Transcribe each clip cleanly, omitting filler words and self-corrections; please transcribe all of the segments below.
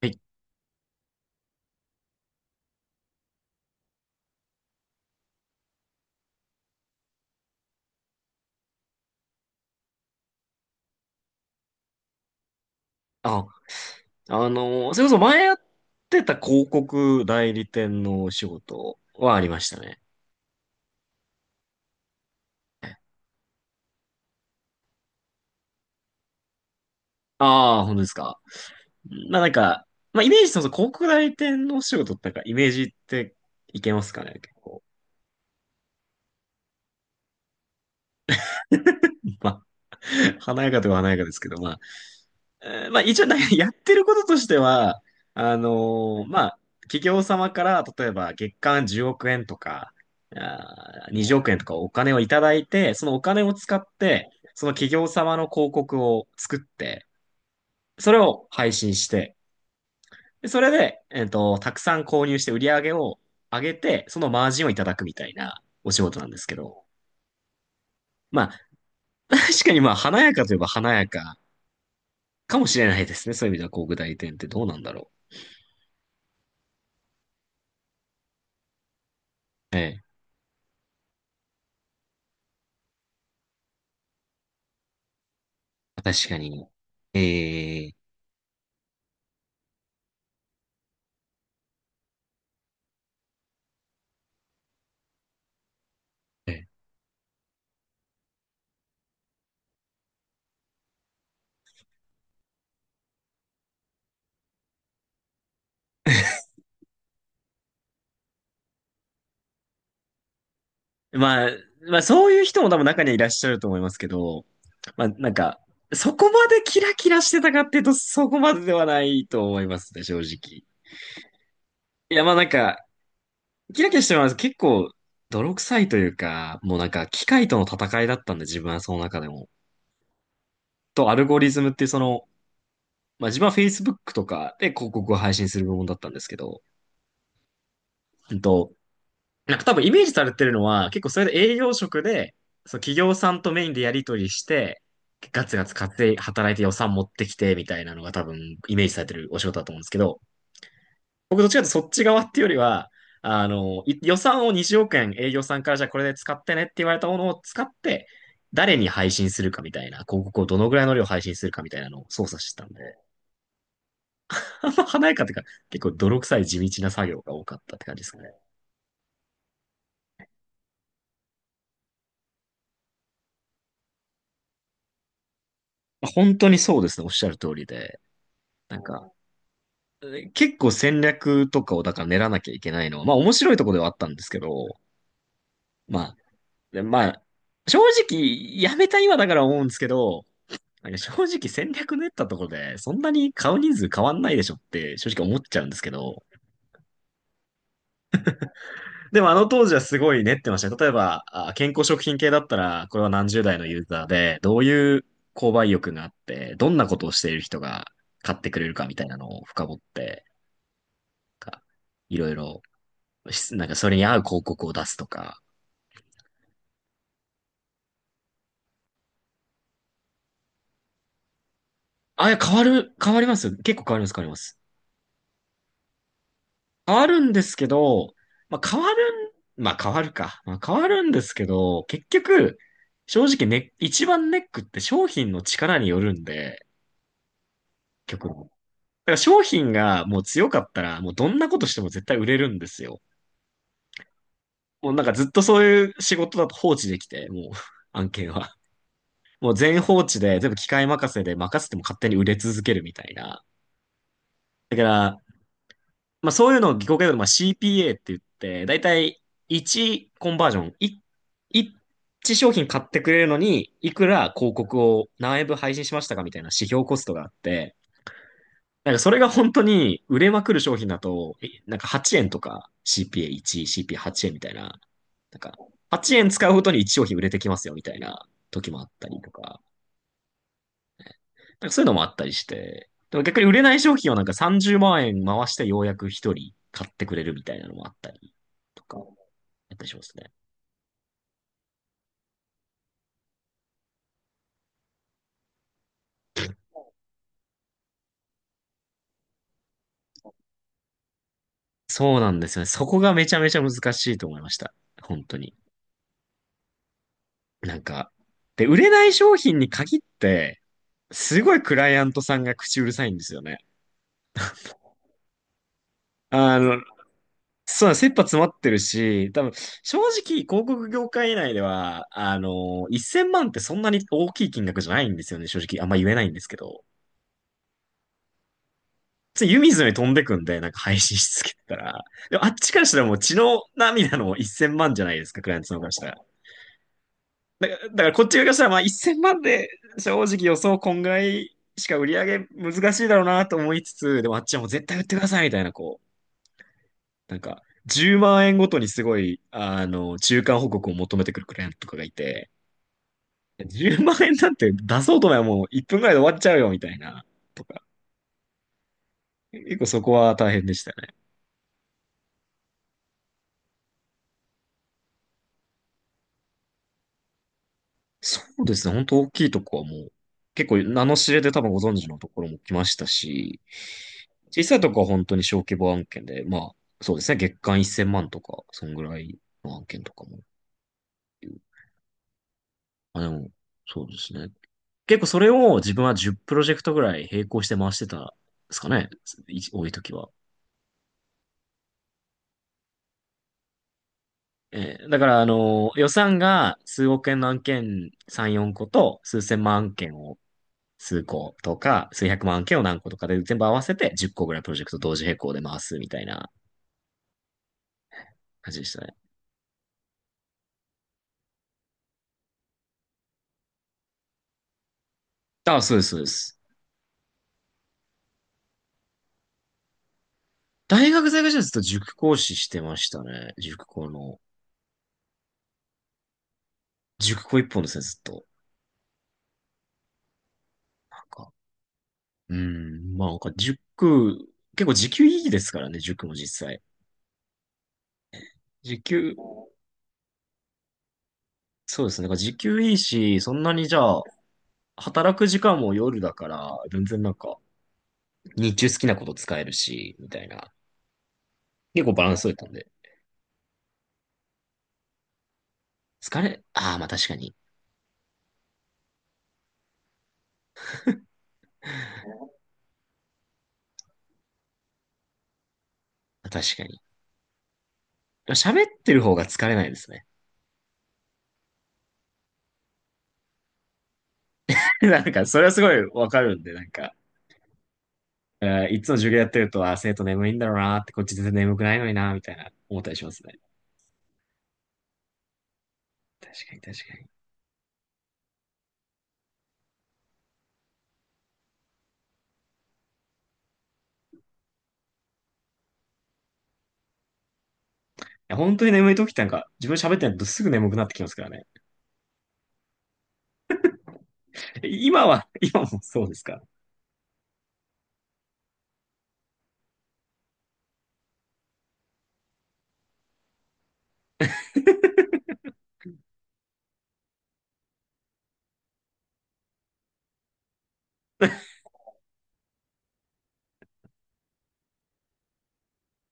はい。あ、それこそ前やってた広告代理店のお仕事はありましたね。ああ、本当ですか。まあなんか、まあイメージ、その広告代理店のお仕事ってなんかイメージっていけますかね、結構。まあ、華やかでは華やかですけど、まあ一応な やってることとしては、まあ企業様から例えば月間10億円とか、20億円とかお金をいただいて、そのお金を使って、その企業様の広告を作って、それを配信して、でそれで、たくさん購入して売り上げを上げて、そのマージンをいただくみたいなお仕事なんですけど、まあ 確かにまあ華やかといえば華やかかもしれないですね。そういう意味ではこう具体点ってどうなんだろう。ええ確かに。えええまあ、まあそういう人も多分中にはいらっしゃると思いますけど、まあなんか、そこまでキラキラしてたかっていうとそこまでではないと思いますね、正直。いやまあなんか、キラキラしてます。結構、泥臭いというか、もうなんか機械との戦いだったんで自分はその中でも。と、アルゴリズムっていうその、まあ自分は Facebook とかで広告を配信する部門だったんですけど、うんと、なんか多分イメージされてるのは、結構それで営業職で、そう企業さんとメインでやり取りして、ガツガツ稼い、働いて予算持ってきて、みたいなのが多分イメージされてるお仕事だと思うんですけど、僕どっちかというとそっち側っていうよりは、予算を20億円営業さんからじゃあこれで使ってねって言われたものを使って、誰に配信するかみたいな、広告をどのぐらいの量配信するかみたいなのを操作してたんで、あんま華やかっていうか、結構泥臭い地道な作業が多かったって感じですかね。まあ本当にそうですね、おっしゃる通りで。なんか、結構戦略とかをだから練らなきゃいけないのは、まあ面白いとこではあったんですけど、まあ、で、正直、やめた今だから思うんですけど、なんか正直戦略練ったところで、そんなに買う人数変わんないでしょって正直思っちゃうんですけど、でもあの当時はすごい練ってましたね。例えば、健康食品系だったら、これは何十代のユーザーで、どういう購買意欲があって、どんなことをしている人が買ってくれるかみたいなのを深掘って、なんかいろいろ、なんかそれに合う広告を出すとか、変わりますよ。結構変わります、変わります。変わるんですけど、まあ、変わるん、まあ、変わるか。まあ、変わるんですけど、結局、正直ね、一番ネックって商品の力によるんで、結局だから商品がもう強かったら、もうどんなことしても絶対売れるんですよ。もうなんかずっとそういう仕事だと放置できて、もう 案件は。もう全放置で、全部機械任せで任せても勝手に売れ続けるみたいな。だから、まあそういうのを技巧系で、まあ CPA って言って、だいたい1コンバージョン、い1商品買ってくれるのに、いくら広告を何円分配信しましたかみたいな指標コストがあって、なんかそれが本当に売れまくる商品だと、なんか8円とか CPA1、CPA8 円みたいな、なんか8円使うごとに1商品売れてきますよみたいな時もあったりとか。なんかそういうのもあったりして、でも逆に売れない商品をなんか30万円回してようやく一人買ってくれるみたいなのもあったりとか、やったりしますね。そうなんですよね。そこがめちゃめちゃ難しいと思いました。本当に。なんか、で、売れない商品に限って、すごいクライアントさんが口うるさいんですよね。あの、そう、切羽詰まってるし、多分、正直、広告業界内では、1000万ってそんなに大きい金額じゃないんですよね、正直。あんま言えないんですけど。つい湯水のように飛んでくんで、なんか配信し続けたら。でもあっちからしたらもう血の涙の1000万じゃないですか、クライアントさんからしたら。だからこっち側からしたらまあ1000万で正直予想こんぐらいしか売り上げ難しいだろうなと思いつつ、でもあっちはもう絶対売ってくださいみたいな、こう、なんか10万円ごとにすごい、中間報告を求めてくるクライアントとかがいて、10万円なんて出そうと思えばもう1分ぐらいで終わっちゃうよみたいな、とか。結構そこは大変でしたね。そうですね。本当大きいとこはもう、結構名の知れて多分ご存知のところも来ましたし、小さいとこは本当に小規模案件で、まあ、そうですね。月間1000万とか、そんぐらいの案件とかもあ、でも、そうですね。結構それを自分は10プロジェクトぐらい並行して回してたんですかね。多い時は。だから、予算が数億円の案件3、4個と数千万案件を数個とか、数百万件を何個とかで全部合わせて10個ぐらいプロジェクト同時並行で回すみたいな感じでしたね。あ、そうです、そうです。大学在学中ずっと塾講師してましたね。塾講の。塾講一本ですね、ずっと。なんか、うーまあなんか塾、結構時給いいですからね、塾も実際。時給、そうですね。なんか時給いいし、そんなにじゃあ、働く時間も夜だから、全然なんか、日中好きなこと使えるし、みたいな。結構バランス取れたんで。ああ、まあ確かに確かに。喋ってる方が疲れないですね。なんか、それはすごいわかるんで、なんか、いつも授業やってると、生徒眠いんだろうなーって、こっち全然眠くないのになーみたいな、思ったりしますね。確かに確かに。いや、本当に眠い時ってなんか、自分喋ってないとすぐ眠くなってきますからね。今は、今もそうですか？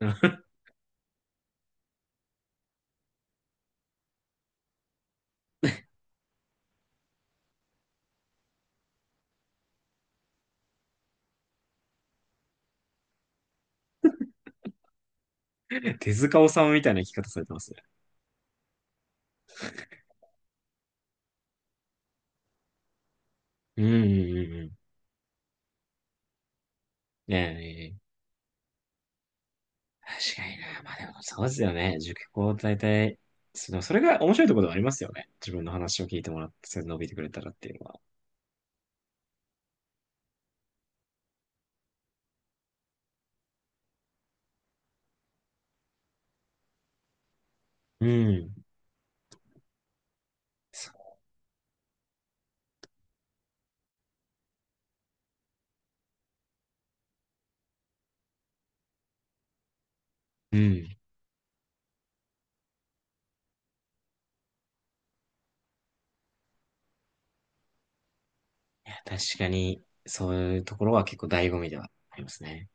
手塚治虫みたいな生き方されてますね。うんうんうんうん。ねえ、ねえ確かにな。まあでもそうですよね。塾講大体、そのそれが面白いところではありますよね。自分の話を聞いてもらって、それで伸びてくれたらっていうのは。うん。そう。うん。いや、確かに、そういうところは結構醍醐味ではありますね。